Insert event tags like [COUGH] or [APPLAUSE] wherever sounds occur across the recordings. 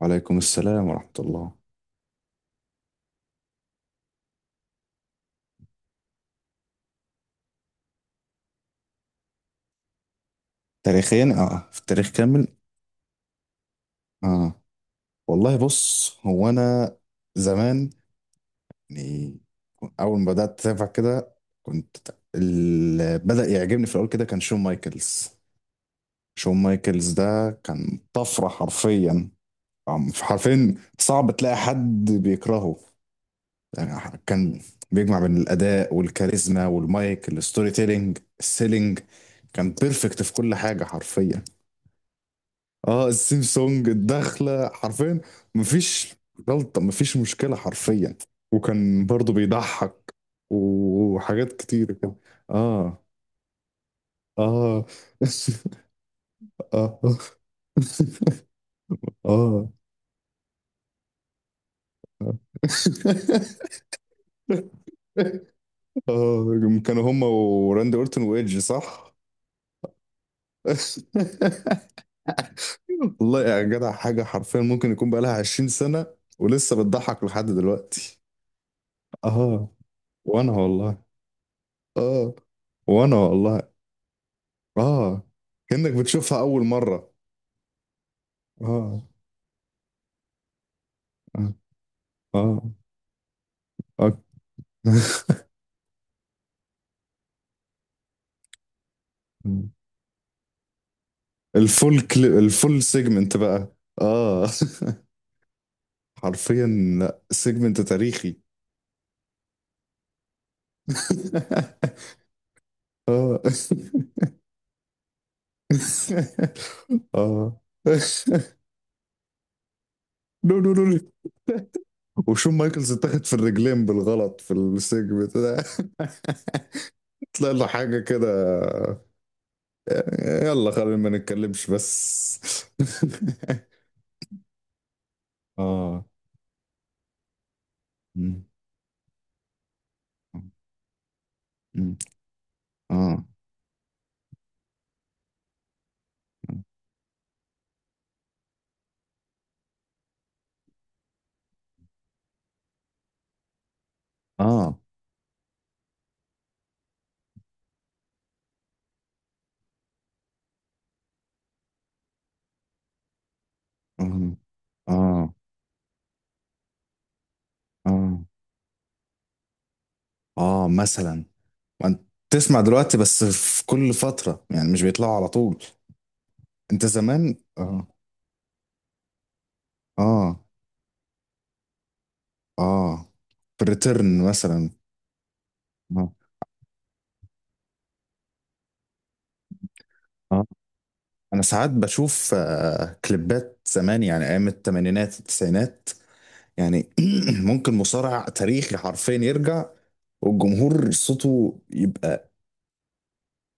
وعليكم السلام ورحمة الله. تاريخيا في التاريخ كامل. اه، والله بص، هو انا زمان يعني اول ما بدأت اتابع كده كنت، اللي بدأ يعجبني في الاول كده كان شون مايكلز. شون مايكلز ده كان طفرة حرفيا. حرفيا صعب تلاقي حد بيكرهه، يعني كان بيجمع بين الأداء والكاريزما والمايك الستوري تيلينج السيلينج، كان بيرفكت في كل حاجة حرفيا. اه السيم سونج الدخلة حرفيا. مفيش غلطة، مفيش مشكلة حرفيا. وكان برضو بيضحك وحاجات كتير كده. اه. اه. [LAUGHS] اه. [LAUGHS] اه. اه، كانوا هما وراندي اورتون وايدج، صح؟ [LAUGHS] والله يا جدع، حاجة حرفيا ممكن يكون بقالها 20 سنة ولسه بتضحك لحد دلوقتي. اه، وانا والله. اه، وانا والله. اه، كأنك بتشوفها أول مرة. اه. اه. اه, آه. [LAUGHS] الفول الفول سيجمنت بقى. اه. [LAUGHS] حرفيا، لا سيجمنت تاريخي. [LAUGHS] اه. [LAUGHS] اه. [LAUGHS] نو نو نو. [LAUGHS] وشون مايكلز اتاخد في الرجلين بالغلط في السيجمنت ده. [LAUGHS] طلع له حاجة كده. يلا خلينا ما نتكلمش بس. [LAUGHS] اه. مم. اه. اه. مم. اه. اه. اه مثلا. ما انت تسمع دلوقتي بس في كل فترة، يعني مش بيطلعوا على طول. انت زمان اه. اه. اه. في الريتيرن مثلا. اه. اه. انا ساعات بشوف آه كليبات زمان، يعني ايام الثمانينات التسعينات، يعني [CLEARS THROAT] ممكن مصارع تاريخي حرفيا يرجع والجمهور صوته يبقى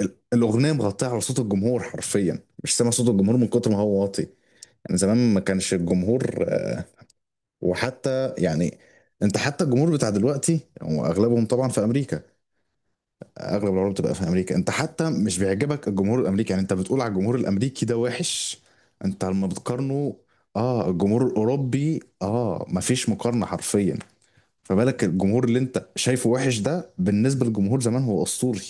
ال- الاغنيه مغطيه على صوت الجمهور حرفيا، مش سامع صوت الجمهور من كتر ما هو واطي. يعني زمان ما كانش الجمهور، وحتى يعني انت حتى الجمهور بتاع دلوقتي واغلبهم طبعا في امريكا، اغلب العروض بتبقى في امريكا، انت حتى مش بيعجبك الجمهور الامريكي، يعني انت بتقول على الجمهور الامريكي ده وحش. انت لما بتقارنه، اه الجمهور الاوروبي اه مفيش مقارنه حرفيا. فبالك الجمهور اللي انت شايفه وحش ده بالنسبه للجمهور زمان هو اسطوري.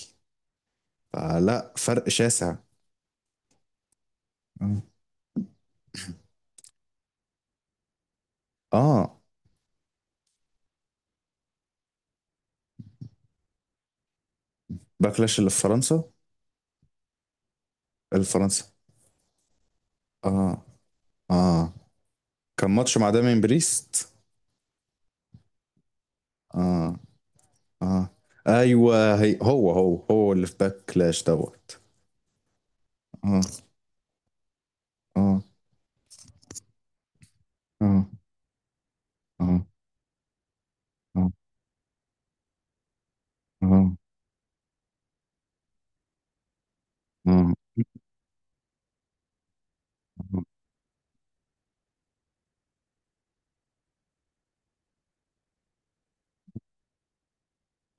فلا فرق شاسع. اه. آه. باكلاش اللي في فرنسا. اللي في فرنسا. اه. اه كان ماتش مع دامين بريست. اه. اه. ايوه. هي هو هو هو اللي في باكلاش دوت. اه. اه. اه. اه. اه. اه. اه.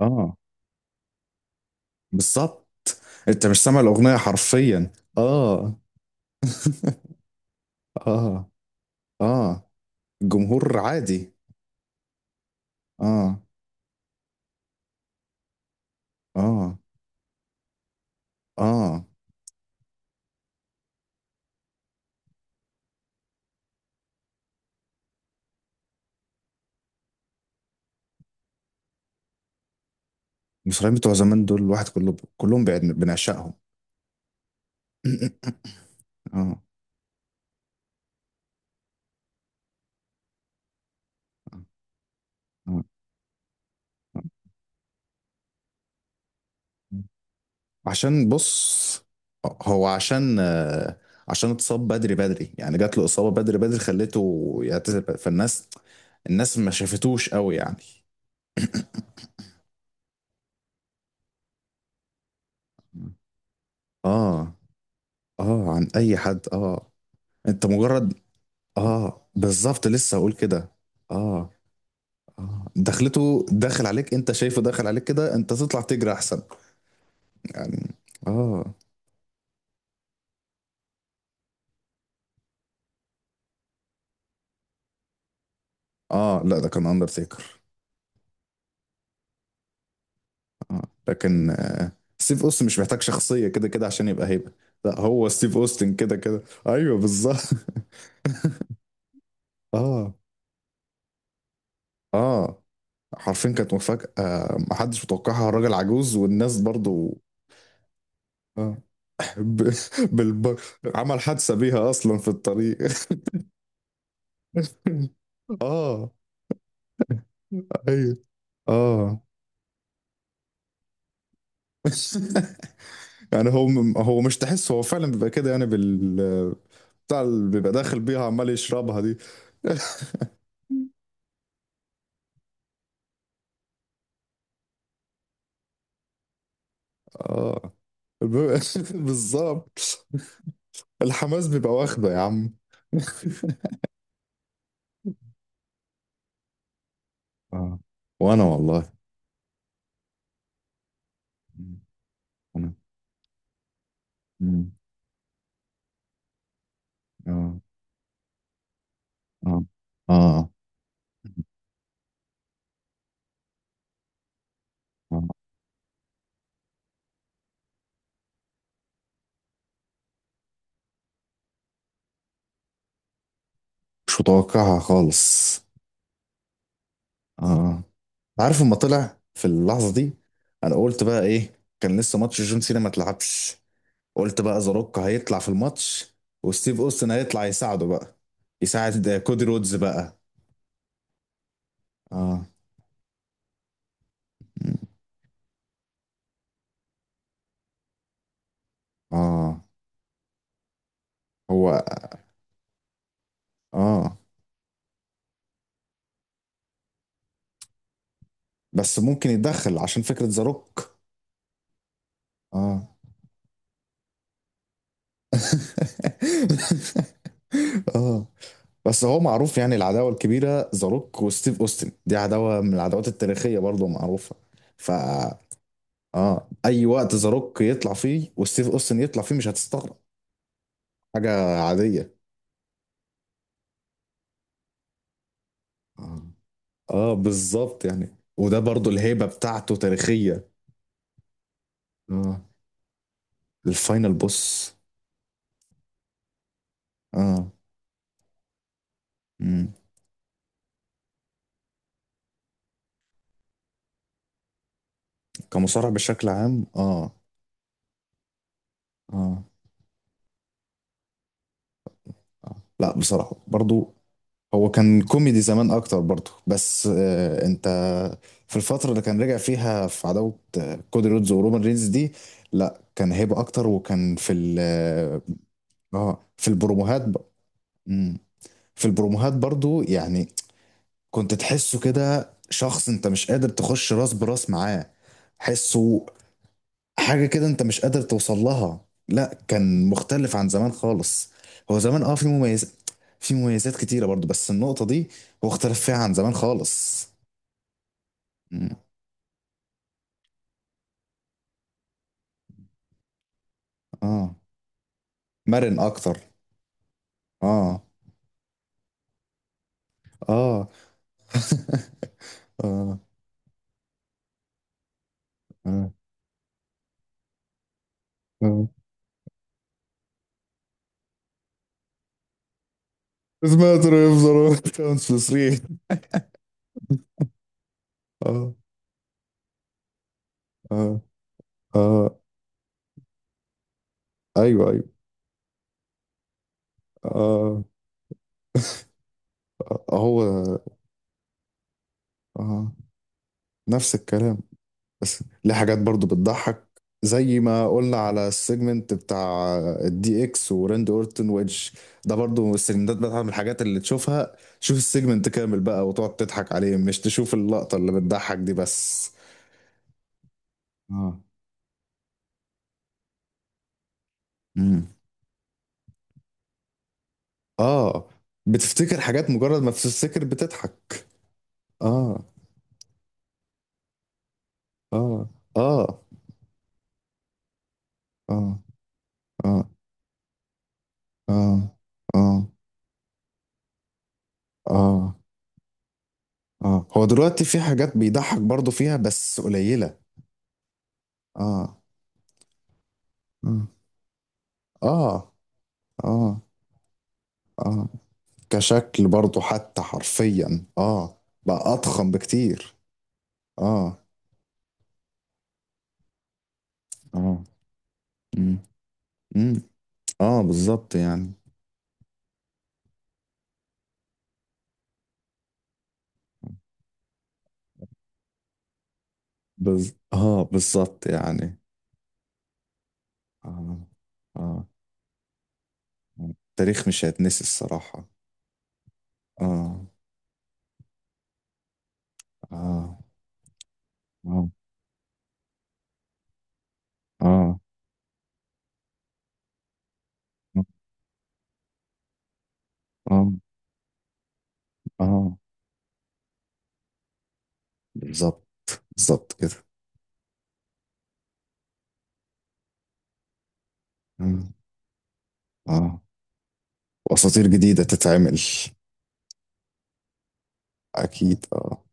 اه. آه، بالظبط. انت مش سامع الاغنيه حرفيا. اه. اه. اه. الجمهور عادي. اه. اه. اه. المصريين بتوع زمان دول الواحد كله، كلهم بنعشقهم. [LAUGHS] [CLEARS THROAT] اه. اه. آه. عشان بص، هو عشان آه، عشان اتصاب بدري بدري، يعني جات له إصابة بدري بدري خلته يعتزل، فالناس الناس ما شافتوش قوي يعني. مم. اه. اه عن اي حد اه. انت مجرد، اه بالظبط لسه هقول كده. اه. اه دخلته داخل عليك، انت شايفه داخل عليك كده، انت تطلع تجري احسن. يعني اه. اه. لا ده كان اندرتيكر. آه. لكن ستيف اوستن مش محتاج شخصية كده كده عشان يبقى هيبة. لا هو ستيف اوستن كده كده، ايوه بالظبط. [LAUGHS] اه. اه. حرفيا كانت مفاجأة، محدش متوقعها، الراجل عجوز، والناس برضو اه. ب... [LAUGHS] بالب... عمل حادثة بيها اصلا في الطريق. [LAUGHS] اه. ايوه. اه. [LAUGHS] يعني هو، هو مش تحس، هو فعلا بيبقى كده يعني بال بتاع اللي بيبقى داخل بيها عمال يشربها دي. [LAUGHS] اه. ب- [LAUGHS] بالظبط. الحماس بيبقى واخده يا عم. اه، وانا والله. مم. انا. مم. اه. اه. اه. آه. مش متوقعها خالص. اه. عارف لما طلع في اللحظه دي، انا قلت بقى ايه، كان لسه ماتش جون سينا ما اتلعبش. قلت بقى ذا روك هيطلع في الماتش، وستيف اوستن هيطلع يساعده بقى، يساعد كودي رودز بقى. اه. اه. هو اه. بس ممكن يتدخل عشان فكرة ذا روك. اه. [LAUGHS] اه. بس هو معروف، يعني العداوة الكبيرة ذا روك وستيف اوستن دي عداوة من العداوات التاريخية برضه معروفة. ف اه، اي وقت ذا روك يطلع فيه وستيف اوستن يطلع فيه مش هتستغرب، حاجة عادية. اه. اه بالظبط يعني، وده برضه الهيبة بتاعته تاريخية. اه الفاينل بوس. اه. مم. كمصارع بشكل عام اه. اه. آه. لا بصراحة برضو هو كان كوميدي زمان اكتر برضه، بس آه، انت في الفتره اللي كان رجع فيها في عداوه آه كودي رودز ورومان رينز دي لا كان هيبه اكتر. وكان في ال اه، آه، في البروموهات مم. في البروموهات برضه يعني كنت تحسه كده شخص انت مش قادر تخش راس براس معاه، حسه حاجة كده انت مش قادر توصل لها. لا كان مختلف عن زمان خالص. هو زمان اه في مميزات، في مميزات كتيرة برضو، بس النقطة دي هو اختلف فيها عن زمان خالص. مم. اه. مرن اكتر. اه. اه. [LAUGHS] اه. اه. اه سمعت ريف زراعة كانت في سرير. اه. اه. اه. ايوه ايوه. اه. آه، هو اه نفس الكلام، بس ليه حاجات برضو بتضحك، زي ما قلنا على السيجمنت بتاع الدي اكس وراند اورتون ويدج، ده برضو السيجمنتات بتاعت من الحاجات اللي تشوفها، شوف السيجمنت كامل بقى وتقعد تضحك عليه، مش تشوف اللقطة اللي بتضحك دي بس. اه. مم. اه. بتفتكر حاجات، مجرد ما بتفتكر بتضحك. اه. اه. اه. اه. اه. اه. اه. اه. اه. هو دلوقتي في حاجات بيضحك برضو فيها بس قليلة. اه. اه. اه. اه. اه. كشكل برضو حتى حرفيا اه بقى اضخم بكتير. اه. اه. امم. امم. اه بالظبط يعني. اه بالظبط يعني. اه. اه. آه. التاريخ مش هيتنسي الصراحة. اه. اه. اه. اه. اه. اه. آه. بالظبط. بالظبط كده. آه. اه واساطير جديدة تتعمل. اكيد اه